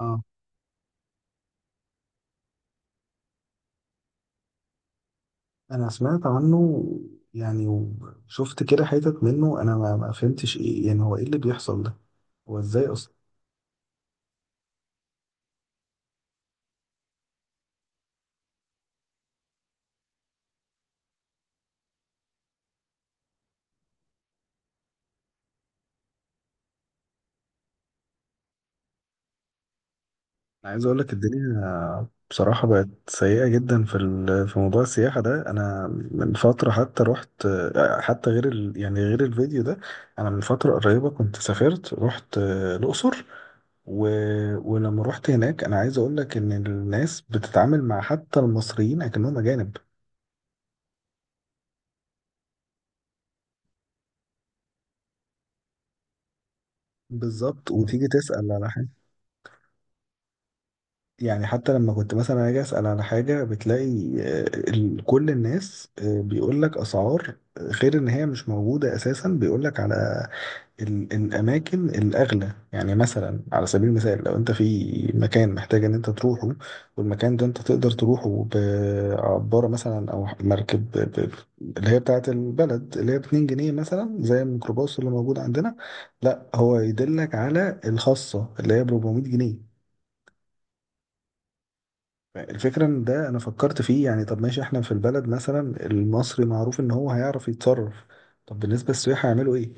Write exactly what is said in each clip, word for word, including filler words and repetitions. اه، انا سمعت عنه. يعني وشفت كده حتت منه، انا ما ما فهمتش ايه، يعني هو ايه اللي بيحصل ده؟ هو ازاي اصلا؟ انا عايز اقول لك، الدنيا بصراحة بقت سيئة جدا في ال- في موضوع السياحة ده، انا من فترة حتى رحت، حتى غير ال يعني غير الفيديو ده. انا من فترة قريبة كنت سافرت، رحت الاقصر و... ولما رحت هناك، انا عايز اقول لك ان الناس بتتعامل مع حتى المصريين اكنهم اجانب. بالظبط، وتيجي تسأل على حاجة. يعني حتى لما كنت مثلا اجي اسال على حاجه بتلاقي آه، ال- كل الناس، آه، بيقول لك اسعار، آه، غير ان هي مش موجوده اساسا، بيقول لك على ال- الاماكن الاغلى. يعني مثلا على سبيل المثال، لو انت في مكان محتاج ان انت تروحه، والمكان ده انت تقدر تروحه بعباره مثلا، او مركب ب- ب- اللي هي بتاعه البلد، اللي هي ب اتنين جنيه مثلا زي الميكروباص اللي موجود عندنا، لا هو يدلك على الخاصه اللي هي ب اربع مية جنيه. الفكرة ان ده انا فكرت فيه، يعني طب ماشي، احنا في البلد مثلا المصري معروف ان هو هيعرف يتصرف، طب بالنسبة للسياح هيعملوا ايه؟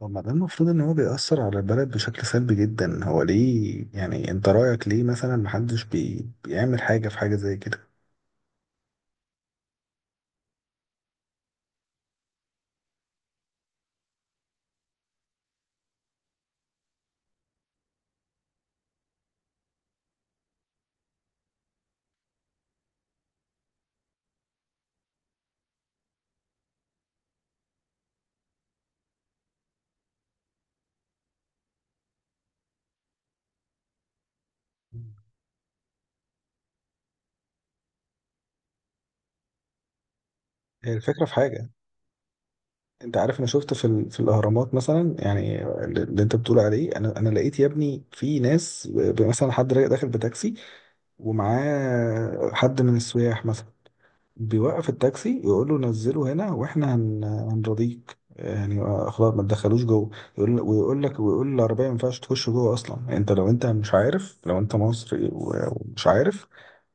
طب ما ده المفروض ان هو بيأثر على البلد بشكل سلبي جدا، هو ليه يعني، انت رأيك ليه مثلا محدش بي... بيعمل حاجة في حاجة زي كده؟ هي الفكرة في حاجة، انت عارف، انا شفت في, ال... في الاهرامات مثلا، يعني اللي انت بتقول عليه، انا انا لقيت يا ابني في ناس، ب- مثلا حد رايح داخل بتاكسي ومعاه حد من السياح مثلا، بيوقف التاكسي يقول له نزله هنا، واحنا هن... هنرضيك، يعني آه، خلاص ما تدخلوش جوه. يقول، ويقول لك، ويقول العربيه ما ينفعش تخش جوه اصلا، انت لو انت مش عارف، لو انت مصري و- ومش عارف،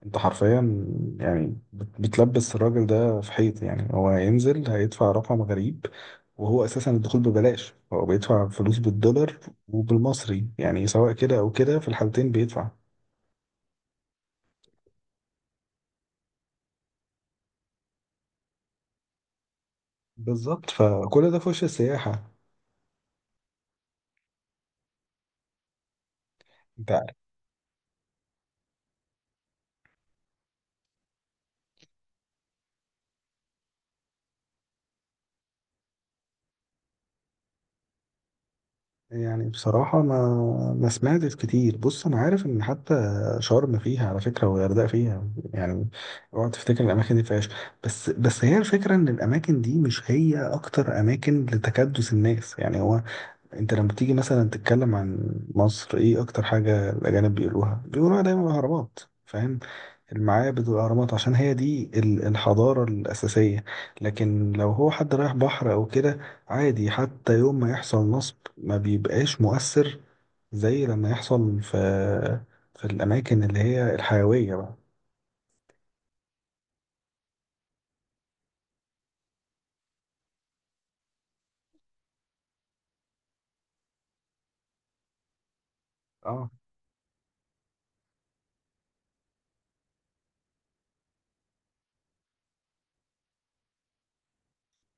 انت حرفيا يعني بت- بتلبس الراجل ده في حيط، يعني هو هينزل هيدفع رقم غريب، وهو اساسا الدخول ببلاش، هو بيدفع فلوس بالدولار، وبالمصري، يعني سواء كده او كده في الحالتين بيدفع. بالظبط، فكل ده في وش السياحة. انت يعني بصراحة ما ما سمعتش كتير. بص، أنا عارف إن حتى شرم فيها على فكرة والغردقة فيها. يعني اوعى تفتكر الأماكن دي فيهاش، بس بس هي الفكرة إن الأماكن دي مش هي أكتر أماكن لتكدس الناس، يعني هو انت لما تيجي مثلا تتكلم عن مصر، ايه اكتر حاجة الاجانب بيقولوها؟ بيقولوها دايما الاهرامات، فاهم؟ المعابد والاهرامات، عشان هي دي ال- الحضارة الاساسية. لكن لو هو حد رايح بحر او كده، عادي، حتى يوم ما يحصل نصب ما بيبقاش مؤثر زي لما يحصل في في الاماكن اللي هي الحيوية بقى. اه،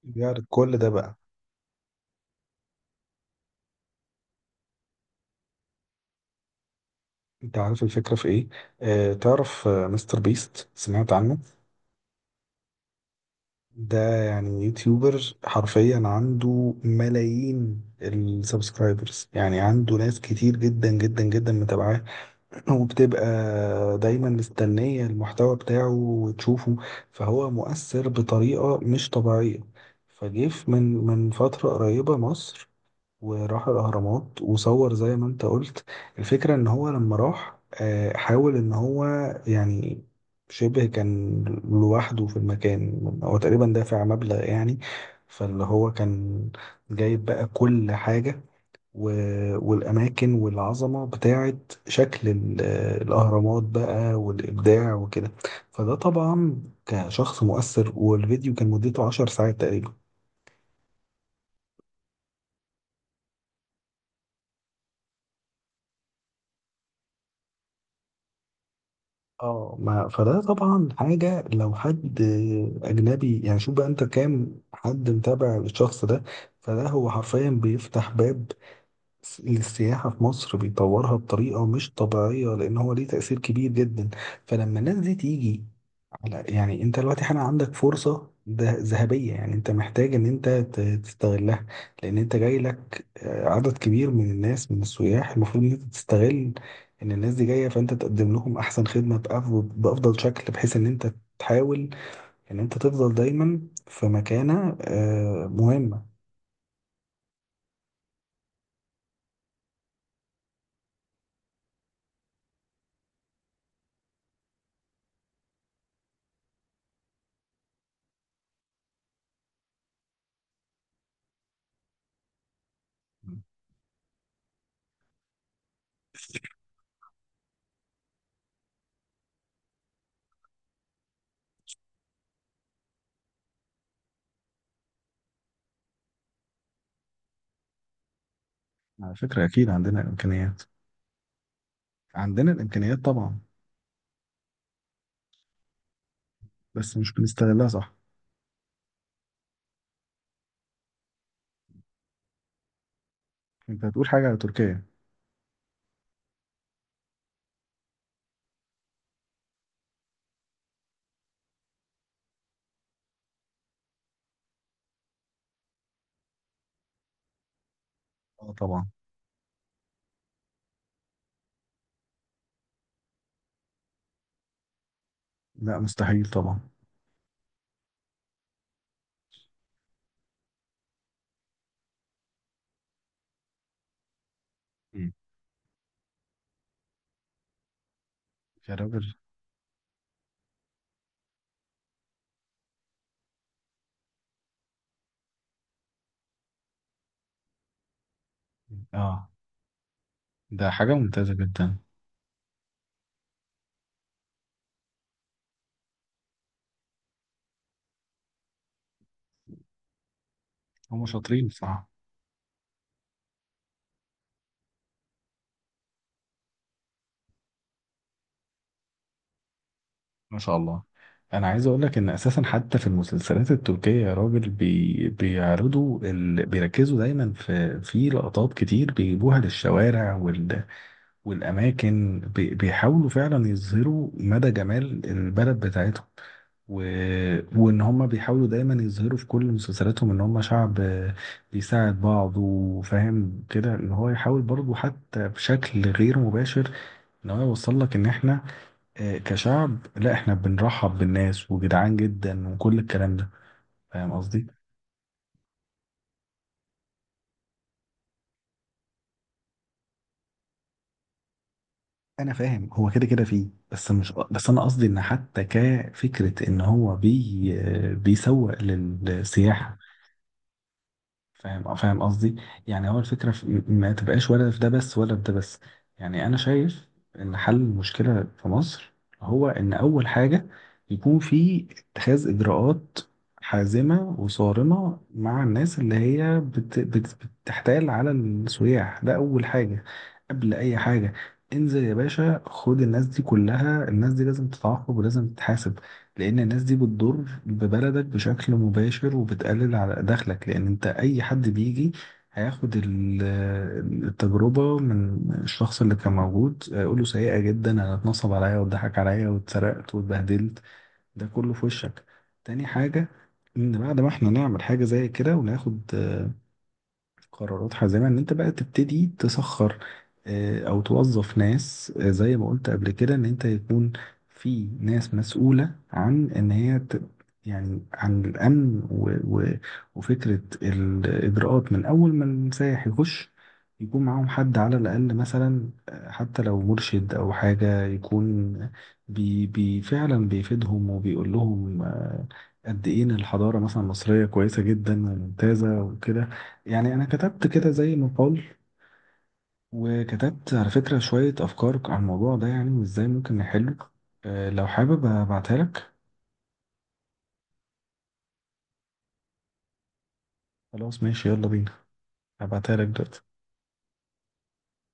بيعرض كل ده بقى. انت عارف الفكرة في ايه؟ آه تعرف آه، مستر بيست، سمعت عنه؟ ده يعني يوتيوبر، حرفيا عنده ملايين السبسكرايبرز، يعني عنده ناس كتير جدا جدا جدا متابعاه، وبتبقى دايما مستنية المحتوى بتاعه وتشوفه. فهو مؤثر بطريقة مش طبيعية. فجيف من من فترة قريبة مصر وراح الأهرامات وصور زي ما انت قلت. الفكرة ان هو لما راح آه، حاول ان هو، يعني، شبه كان لوحده في المكان، هو تقريبا دافع مبلغ يعني، فاللي هو كان جايب بقى كل حاجة و- والأماكن والعظمة بتاعة شكل ال- الأهرامات بقى والإبداع وكده، فده طبعا كشخص مؤثر، والفيديو كان مدته عشر ساعات تقريبا. اه، ما فده طبعا حاجة لو حد أجنبي، يعني شوف بقى أنت كام حد متابع الشخص ده. فده هو حرفيا بيفتح باب س- للسياحة في مصر، بيطورها بطريقة مش طبيعية لأن هو ليه تأثير كبير جدا. فلما الناس دي تيجي، لا يعني انت دلوقتي حالا عندك فرصة ده ذهبية، يعني انت محتاج ان انت ت- تستغلها، لان انت جاي لك آه، عدد كبير من الناس، من السياح، المفروض ان انت تستغل ان الناس دي جاية، فانت تقدم لهم احسن خدمة بأف- بافضل شكل، بحيث ان انت تحاول ان انت تفضل دايما في مكانة آه، مهمة. على فكرة أكيد عندنا الإمكانيات، عندنا الإمكانيات طبعا، بس مش بنستغلها صح. أنت هتقول حاجة على تركيا؟ اه، طبعا. لا، مستحيل طبعا. مم. يا راجل. اه، ده حاجة ممتازة جدا. هم شاطرين بصراحة. ما شاء الله. انا عايز اقول لك ان اساسا حتى في المسلسلات التركية يا راجل، بي... بيعرضوا ال... بيركزوا دايما في في لقطات كتير بيجيبوها للشوارع وال... والاماكن، بي... بيحاولوا فعلا يظهروا مدى جمال البلد بتاعتهم و... وان هم بيحاولوا دايما يظهروا في كل مسلسلاتهم ان هم شعب بيساعد بعض، وفاهم كده ان هو يحاول برضه حتى بشكل غير مباشر. انا عايز اوصل لك ان احنا آه، كشعب، لا احنا بنرحب بالناس وجدعان جدا وكل الكلام ده، فاهم قصدي؟ انا فاهم هو كده كده فيه، بس مش بس انا قصدي ان حتى كفكره ان هو بي آه، بيسوق للسياحه، فاهم؟ آه، فاهم قصدي؟ يعني هو الفكرة في ما تبقاش ولا في ده بس ولا في ده بس، يعني أنا شايف إن حل المشكلة في مصر هو إن أول حاجة يكون في اتخاذ إجراءات حازمة وصارمة مع الناس اللي هي بت بت بتحتال على السياح، ده أول حاجة قبل أي حاجة. انزل يا باشا، خد الناس دي كلها، الناس دي لازم تتعاقب ولازم تتحاسب، لان الناس دي بتضر ببلدك بشكل مباشر وبتقلل على دخلك، لان انت اي حد بيجي هياخد ال- التجربة من الشخص اللي كان موجود، يقول له سيئة جدا، انا اتنصب عليا واتضحك عليا واتسرقت واتبهدلت، ده كله في وشك. تاني حاجة، ان بعد ما احنا نعمل حاجة زي كده وناخد قرارات حازمة، ان انت بقى تبتدي تسخر آه، او توظف ناس، آه، زي ما قلت قبل كده، ان انت يكون في ناس مسؤولة عن ان هي ت... يعني عن الامن و... و... وفكرة الاجراءات، من اول ما السائح يخش يكون معاهم حد على الاقل، مثلا آه، حتى لو مرشد او حاجة يكون بي... بي... فعلا بيفيدهم وبيقول لهم آه، قد ايه ان الحضارة مثلا المصرية كويسة جدا وممتازة وكده. يعني انا كتبت كده زي مقال، وكتبت على فكرة شوية افكار عن الموضوع ده، يعني وازاي ممكن نحله. أه لو حابب ابعتها لك. خلاص ماشي، يلا بينا. هبعتها لك دلوقتي.